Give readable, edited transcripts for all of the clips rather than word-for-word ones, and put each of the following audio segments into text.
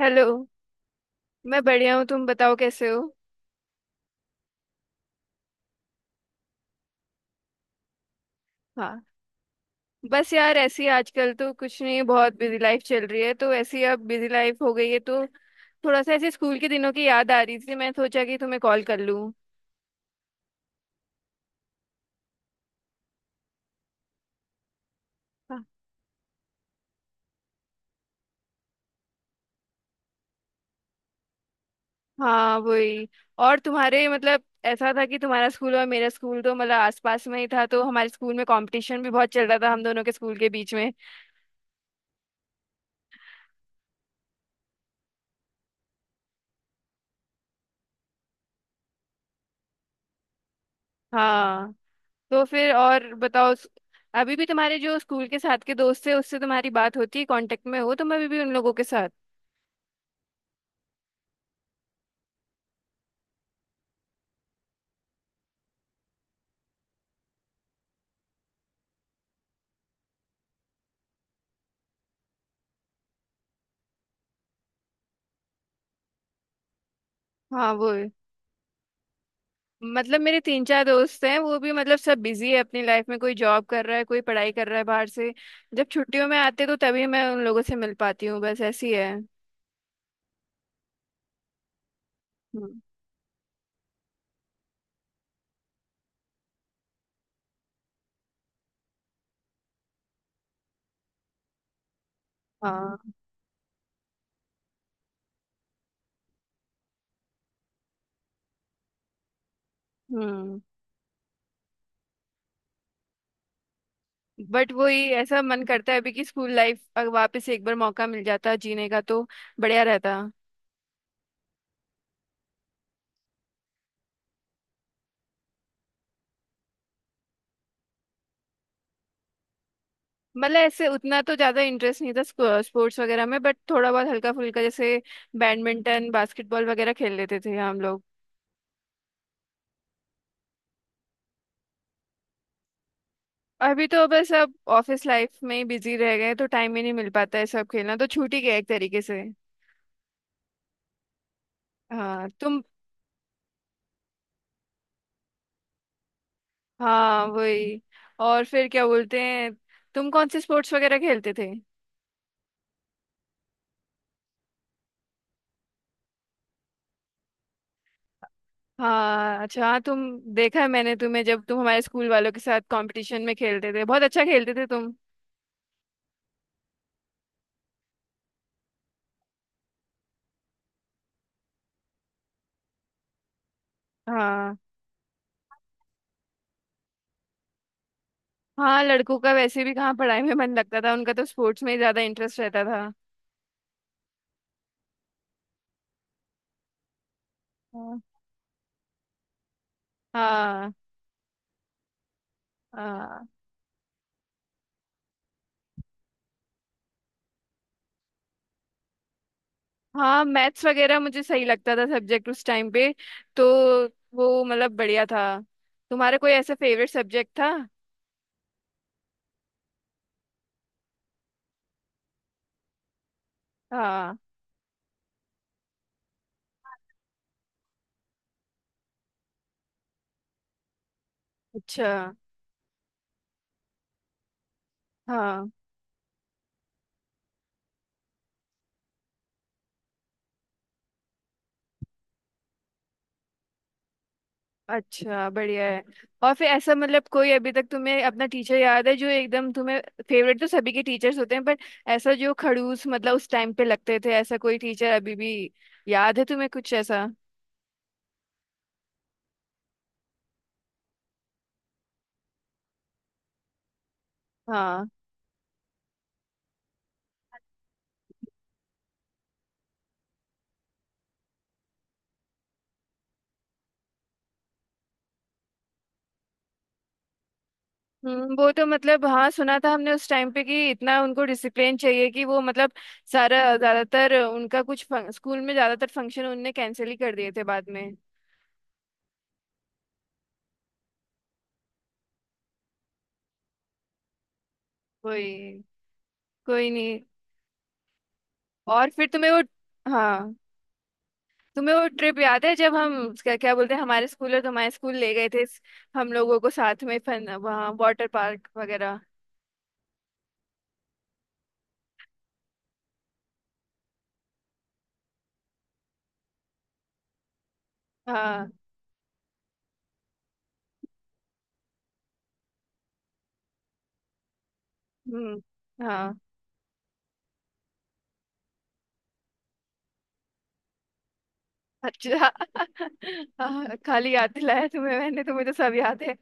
Hello. मैं बढ़िया हूँ, तुम बताओ कैसे हो? हाँ। बस यार ऐसी आजकल तो कुछ नहीं, बहुत बिजी लाइफ चल रही है तो ऐसी अब बिजी लाइफ हो गई है, तो थोड़ा सा ऐसे स्कूल के दिनों की याद आ रही थी, मैं सोचा कि तुम्हें कॉल कर लूँ। हाँ। हाँ, वही। और तुम्हारे मतलब ऐसा था कि तुम्हारा स्कूल और मेरा स्कूल तो मतलब आसपास में ही था, तो हमारे स्कूल में कंपटीशन भी बहुत चल रहा था हम दोनों के स्कूल के बीच में। हाँ। तो फिर और बताओ अभी भी तुम्हारे जो स्कूल के साथ के दोस्त थे उससे तुम्हारी बात होती है, कांटेक्ट में हो तुम अभी भी उन लोगों के साथ? हाँ वो है। मतलब मेरे तीन चार दोस्त हैं, वो भी मतलब सब बिजी है अपनी लाइफ में, कोई जॉब कर रहा है कोई पढ़ाई कर रहा है बाहर से, जब छुट्टियों में आते तो तभी मैं उन लोगों से मिल पाती हूँ, बस ऐसी है। हम्म। हाँ, हम्म। बट वही ऐसा मन करता है अभी कि स्कूल लाइफ अगर वापस एक बार मौका मिल जाता जीने का तो बढ़िया रहता। मतलब ऐसे उतना तो ज्यादा इंटरेस्ट नहीं था स्पोर्ट्स वगैरह में, बट थोड़ा बहुत हल्का फुल्का जैसे बैडमिंटन बास्केटबॉल वगैरह खेल लेते थे हम लोग। अभी तो बस अब ऑफिस लाइफ में ही बिजी रह गए तो टाइम ही नहीं मिल पाता है, सब खेलना तो छूट ही गया एक तरीके से। हाँ, तुम। हाँ, वही। और फिर क्या बोलते हैं, तुम कौन से स्पोर्ट्स वगैरह खेलते थे? हाँ, अच्छा। हाँ, तुम। देखा है मैंने तुम्हें, जब तुम हमारे स्कूल वालों के साथ कंपटीशन में खेलते थे बहुत अच्छा खेलते थे तुम। हाँ। हाँ, लड़कों का वैसे भी कहाँ पढ़ाई में मन लगता था, उनका तो स्पोर्ट्स में ही ज्यादा इंटरेस्ट रहता था। हाँ, हाँ। हाँ, हाँ, मैथ्स वगैरह मुझे सही लगता था सब्जेक्ट उस टाइम पे, तो वो मतलब बढ़िया था। तुम्हारा कोई ऐसा फेवरेट सब्जेक्ट था? हाँ, अच्छा। हाँ, अच्छा, बढ़िया है। और फिर ऐसा मतलब कोई अभी तक तुम्हें अपना टीचर याद है जो एकदम तुम्हें फेवरेट, तो सभी के टीचर्स होते हैं बट ऐसा जो खड़ूस मतलब उस टाइम पे लगते थे, ऐसा कोई टीचर अभी भी याद है तुम्हें कुछ ऐसा? हाँ। हम्म, वो तो मतलब हाँ सुना था हमने उस टाइम पे कि इतना उनको डिसिप्लिन चाहिए कि वो मतलब सारा ज्यादातर उनका कुछ स्कूल में ज्यादातर फंक्शन उनने कैंसिल ही कर दिए थे बाद में। कोई कोई नहीं। और फिर तुम्हें वो, हाँ तुम्हें वो ट्रिप याद है जब हम, क्या क्या बोलते हैं, हमारे स्कूल और तुम्हारे स्कूल ले गए थे हम लोगों को साथ में फन, वहाँ वाटर पार्क वगैरह? हाँ। हम्म। हाँ, अच्छा। हाँ, खाली याद दिलाया तुम्हें, मैंने तुम्हें तो सब याद है।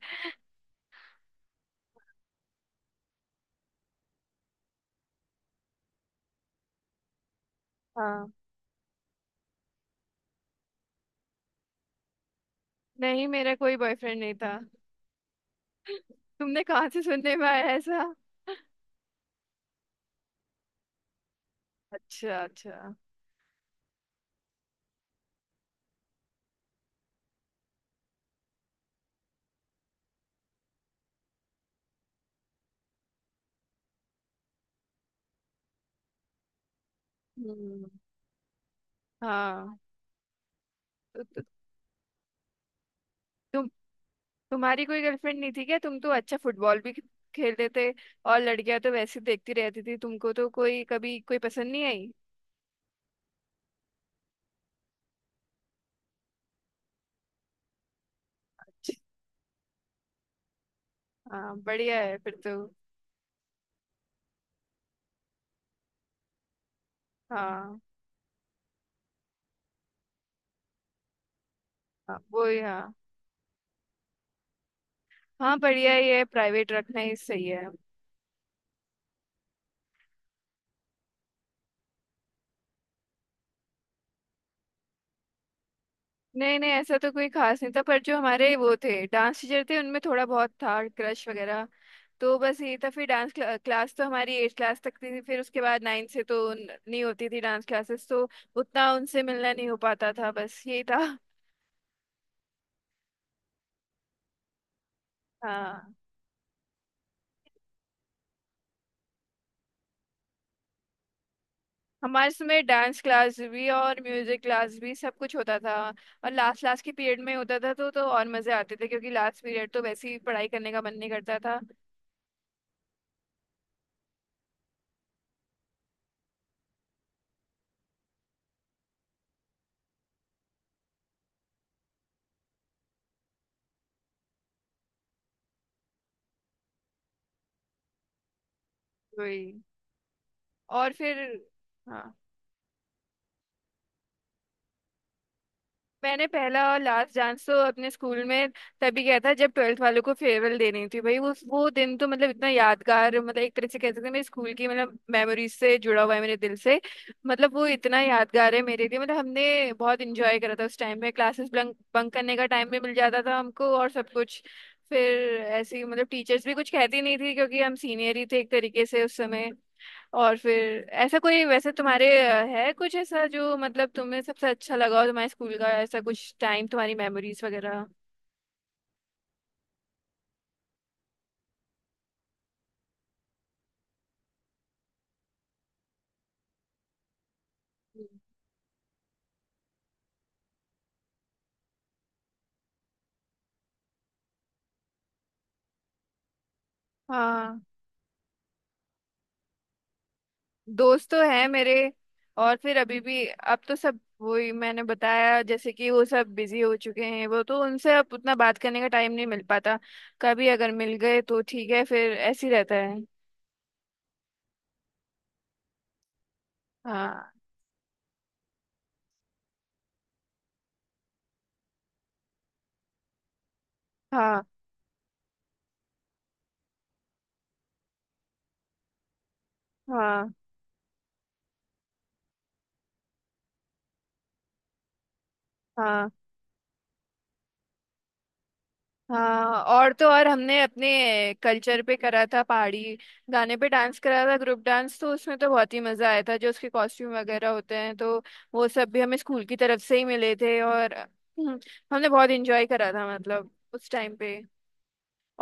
हाँ, नहीं मेरा कोई बॉयफ्रेंड नहीं था, तुमने कहाँ से सुनने में आया ऐसा? अच्छा, अच्छा। हम्म। हाँ। तो, तुम तुम्हारी कोई गर्लफ्रेंड नहीं थी क्या? तुम तो अच्छा फुटबॉल भी खेलते थे, और लड़कियां तो वैसे देखती रहती थी तुमको, तो कोई कभी कोई पसंद नहीं आई? अच्छा। हाँ, बढ़िया है फिर तो। हाँ, हाँ, वो ही, हाँ। हाँ, बढ़िया ही है, प्राइवेट रखना ही सही है। नहीं, नहीं, ऐसा तो कोई खास नहीं था, पर जो हमारे वो थे डांस टीचर थे उनमें थोड़ा बहुत था क्रश वगैरह। तो बस ये था, फिर डांस क्लास तो हमारी एट क्लास तक थी, फिर उसके बाद नाइन से तो नहीं होती थी डांस क्लासेस, तो उतना उनसे मिलना नहीं हो पाता था, बस ये था। हाँ। हमारे समय डांस क्लास भी और म्यूजिक क्लास भी सब कुछ होता था। और लास्ट लास्ट के पीरियड में होता था, तो और मजे आते थे क्योंकि लास्ट पीरियड तो वैसे ही पढ़ाई करने का मन नहीं करता था। वही। और फिर, हाँ, मैंने पहला और लास्ट डांस तो अपने स्कूल में तभी किया था जब ट्वेल्थ वालों को फेयरवेल देनी थी, भाई उस वो दिन तो मतलब इतना यादगार, मतलब एक तरह से कह सकते हैं मेरे स्कूल की मतलब मेमोरीज से जुड़ा हुआ है मेरे दिल से। मतलब वो इतना यादगार है मेरे लिए, मतलब हमने बहुत इंजॉय करा था उस टाइम में, क्लासेस बंक बंक करने का टाइम भी मिल जाता था हमको और सब कुछ। फिर ऐसी मतलब टीचर्स भी कुछ कहती नहीं थी क्योंकि हम सीनियर ही थे एक तरीके से उस समय। और फिर ऐसा कोई वैसे तुम्हारे है कुछ ऐसा जो मतलब तुम्हें सबसे अच्छा लगा हो तुम्हारे स्कूल का, ऐसा कुछ टाइम तुम्हारी मेमोरीज वगैरह? हाँ। दोस्त तो हैं मेरे। और फिर अभी भी अब तो सब वही मैंने बताया जैसे कि वो सब बिजी हो चुके हैं, वो तो उनसे अब उतना बात करने का टाइम नहीं मिल पाता, कभी अगर मिल गए तो ठीक है फिर ऐसे ही रहता है। हाँ, हाँ, हाँ, हाँ, हाँ। और तो और हमने अपने कल्चर पे करा था पहाड़ी गाने पे डांस करा था ग्रुप डांस, तो उसमें तो बहुत ही मजा आया था। जो उसके कॉस्ट्यूम वगैरह होते हैं तो वो सब भी हमें स्कूल की तरफ से ही मिले थे, और हमने बहुत एंजॉय करा था मतलब उस टाइम पे।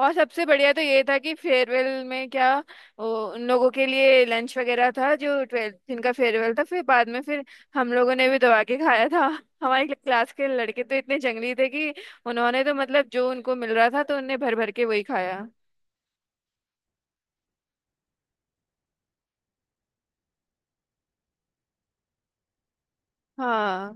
और सबसे बढ़िया तो ये था कि फेयरवेल में क्या, वो, उन लोगों के लिए लंच वगैरह था जो ट्वेल्थ जिनका फेयरवेल था, फिर बाद में फिर हम लोगों ने भी दबा के खाया था। हमारी क्लास के लड़के तो इतने जंगली थे कि उन्होंने तो मतलब जो उनको मिल रहा था तो उनने भर भर के वही खाया। हाँ,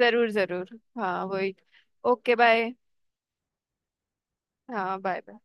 जरूर, जरूर। हाँ, वही। Okay, bye. हाँ, बाय।